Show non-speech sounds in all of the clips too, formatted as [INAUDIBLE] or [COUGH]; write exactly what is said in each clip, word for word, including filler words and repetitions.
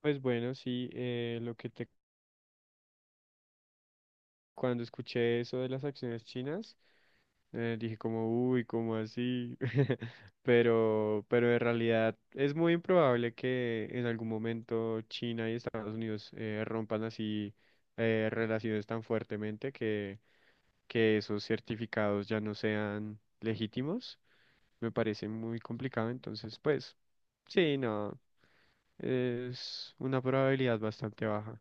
Pues bueno, sí, eh, lo que te, cuando escuché eso de las acciones chinas, eh, dije como, uy, ¿cómo así? [LAUGHS] Pero, pero en realidad es muy improbable que en algún momento China y Estados Unidos eh, rompan así eh, relaciones tan fuertemente que, que esos certificados ya no sean legítimos. Me parece muy complicado, entonces, pues, sí, no, es una probabilidad bastante baja.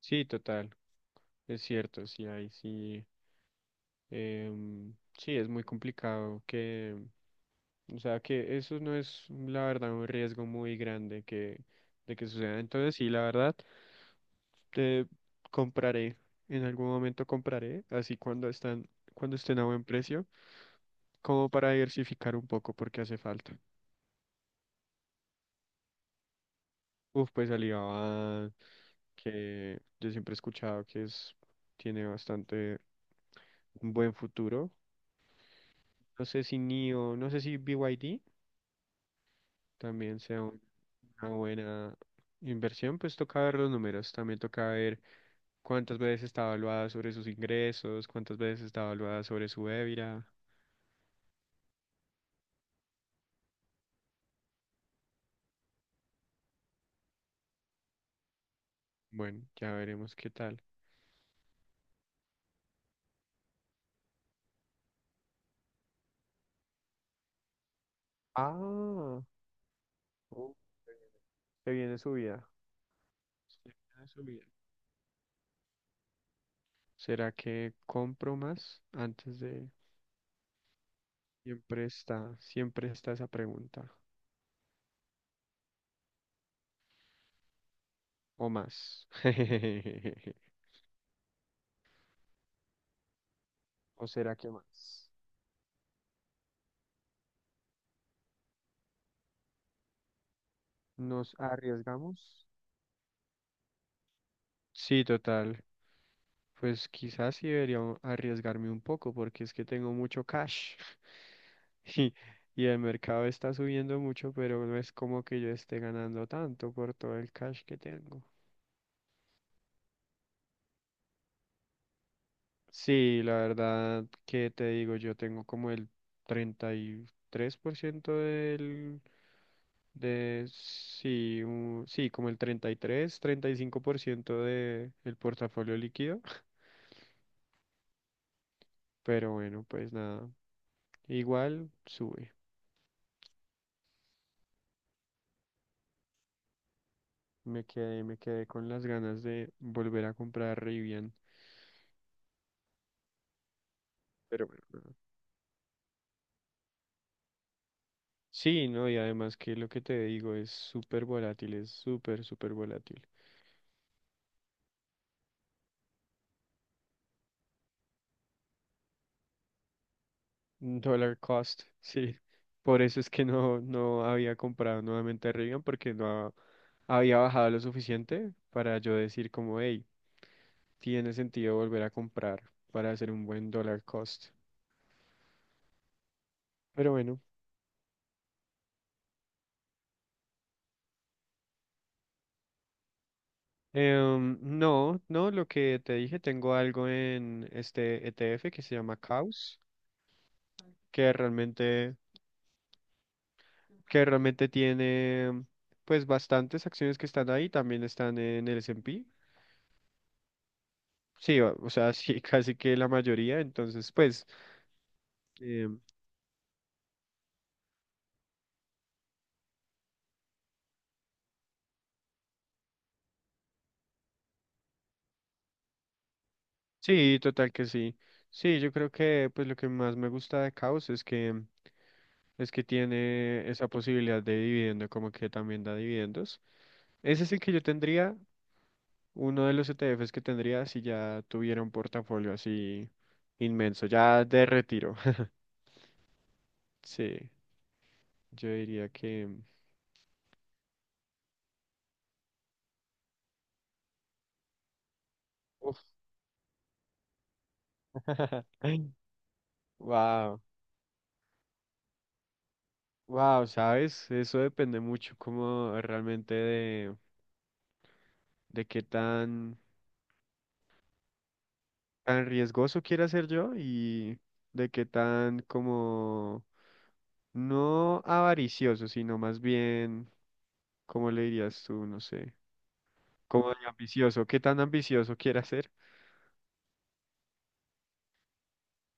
Sí, total, es cierto, sí, ahí sí. Em, sí, es muy complicado que, o sea, que eso no es, la verdad, un riesgo muy grande que, de que suceda. Entonces, sí, la verdad, te compraré, en algún momento compraré, así cuando están, cuando estén a buen precio, como para diversificar un poco porque hace falta. Uf, pues Alibaba, que yo siempre he escuchado que es, tiene bastante un buen futuro. No sé si N I O, no sé si B Y D también sea un- una buena inversión, pues toca ver los números, también toca ver cuántas veces está evaluada sobre sus ingresos, cuántas veces está evaluada sobre su EBITDA. Bueno, ya veremos qué tal. Ah, uh, se viene subida. Se viene subida. ¿Será que compro más antes de... Siempre está, siempre está esa pregunta. ¿O más? [LAUGHS] ¿O será que más? ¿Nos arriesgamos? Sí, total. Pues quizás sí debería u- arriesgarme un poco porque es que tengo mucho cash [LAUGHS] y, y el mercado está subiendo mucho, pero no es como que yo esté ganando tanto por todo el cash que tengo. Sí, la verdad que te digo, yo tengo como el treinta y tres por ciento del de, sí, un- sí, como el treinta treinta y y tres treinta y cinco por ciento de el portafolio líquido. Pero bueno, pues nada, igual sube. Me quedé, me quedé con las ganas de volver a comprar Rivian. Pero bueno, nada. Sí, no, y además que lo que te digo es súper volátil, es súper, súper volátil. Dollar cost, [LAUGHS] sí. Por eso es que no, no había comprado nuevamente Rivian porque no había bajado lo suficiente para yo decir como, hey, tiene sentido volver a comprar para hacer un buen dollar cost. Pero bueno, em, no, no, lo que te dije, tengo algo en este E T F que se llama Caos, que realmente, que realmente tiene pues bastantes acciones que están ahí, también están en el S and P. Sí, o o sea, sí, [LAUGHS] casi que la mayoría, entonces pues em, sí, total que sí. Sí, yo creo que pues lo que más me gusta de Caos es que es que tiene esa posibilidad de dividendo, como que también da dividendos. Ese es el que yo tendría, uno de los E T Fs que tendría si ya tuviera un portafolio así inmenso, ya de retiro. [LAUGHS] Sí, yo diría que... Uf. [LAUGHS] Wow, wow, ¿sabes? Eso depende mucho como realmente de, de qué tan, tan riesgoso quiera ser yo y de qué tan como no avaricioso, sino más bien ¿cómo le dirías tú? No sé. Como de ambicioso, ¿qué tan ambicioso quiere ser?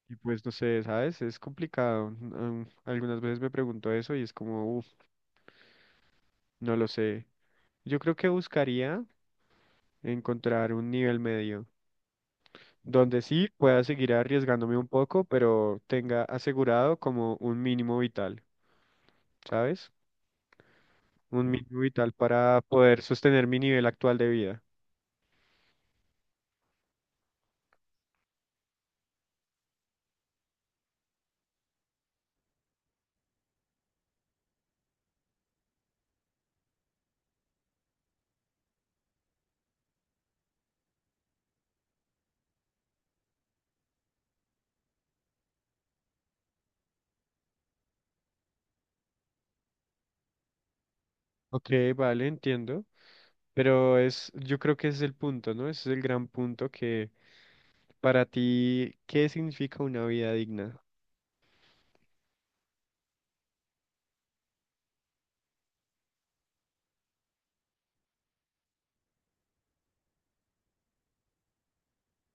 Y pues no sé, ¿sabes? Es complicado. Mm, algunas veces me pregunto eso y es como, uff, no lo sé. Yo creo que buscaría encontrar un nivel medio, donde sí pueda seguir arriesgándome un poco, pero tenga asegurado como un mínimo vital, ¿sabes? Un mínimo vital para poder sostener mi nivel actual de vida. Ok, vale, entiendo. Pero es, yo creo que ese es el punto, ¿no? Ese es el gran punto que para ti, ¿qué significa una vida digna?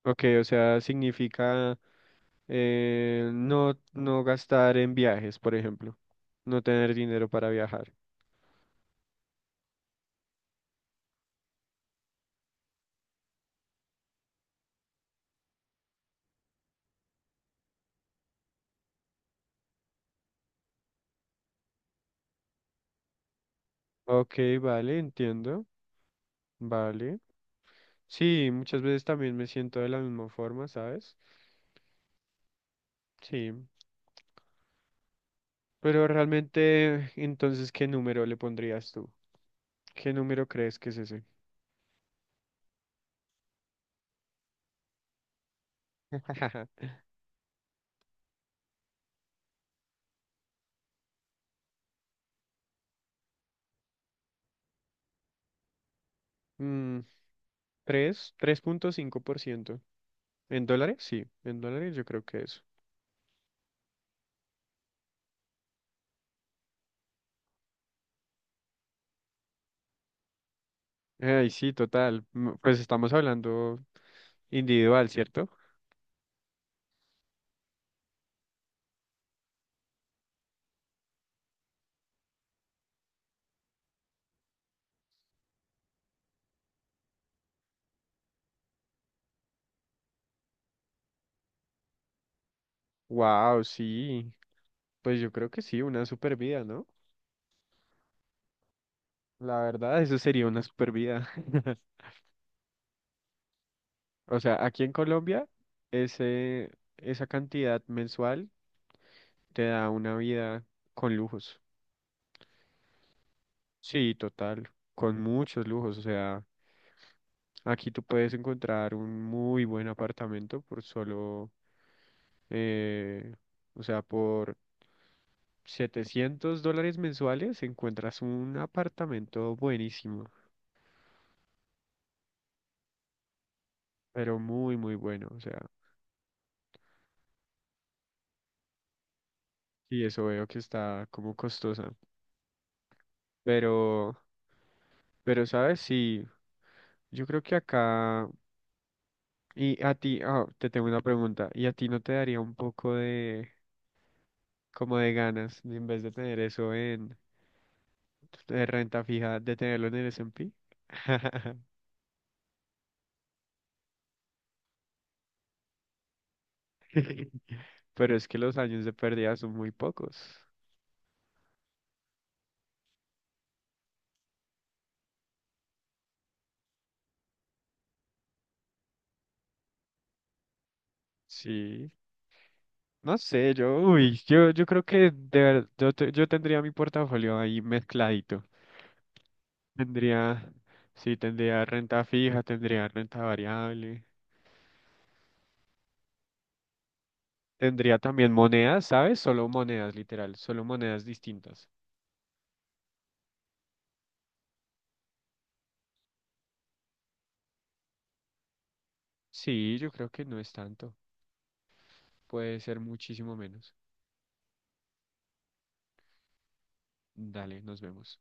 Ok, o sea, significa eh, no, no gastar en viajes, por ejemplo, no tener dinero para viajar. Ok, vale, entiendo, vale. Sí, muchas veces también me siento de la misma forma, ¿sabes? Sí, pero realmente, entonces, ¿qué número le pondrías tú? ¿Qué número crees que es ese? [LAUGHS] Mm, ¿tres? Tres punto cinco por ciento, ¿en dólares? Sí, en dólares yo creo que es. Ay, sí, total. Mm, pues estamos hablando individual, ¿cierto? Wow, sí. Pues yo creo que sí, una super vida, ¿no? La verdad, eso sería una super vida. [LAUGHS] O sea, aquí en Colombia, ese, esa cantidad mensual te da una vida con lujos. Sí, total, con muchos lujos. O sea, aquí tú puedes encontrar un muy buen apartamento por solo, eh, o sea, por setecientos dólares mensuales encuentras un apartamento buenísimo, pero muy, muy bueno. O sea, y eso veo que está como costosa. Pero, pero, ¿sabes? Sí, yo creo que acá... Y a ti, ah, te tengo una pregunta. ¿Y a ti no te daría un poco de, como de ganas, de, en vez de tener eso en de renta fija, de tenerlo en el S and P? [LAUGHS] Pero es que los años de pérdida son muy pocos. Sí, no sé, yo, uy, yo, yo creo que de verdad, yo, te- yo tendría mi portafolio ahí mezcladito. Tendría, sí, tendría renta fija, tendría renta variable. Tendría también monedas, ¿sabes? Solo monedas, literal, solo monedas distintas. Sí, yo creo que no es tanto. Puede ser muchísimo menos. Dale, nos vemos.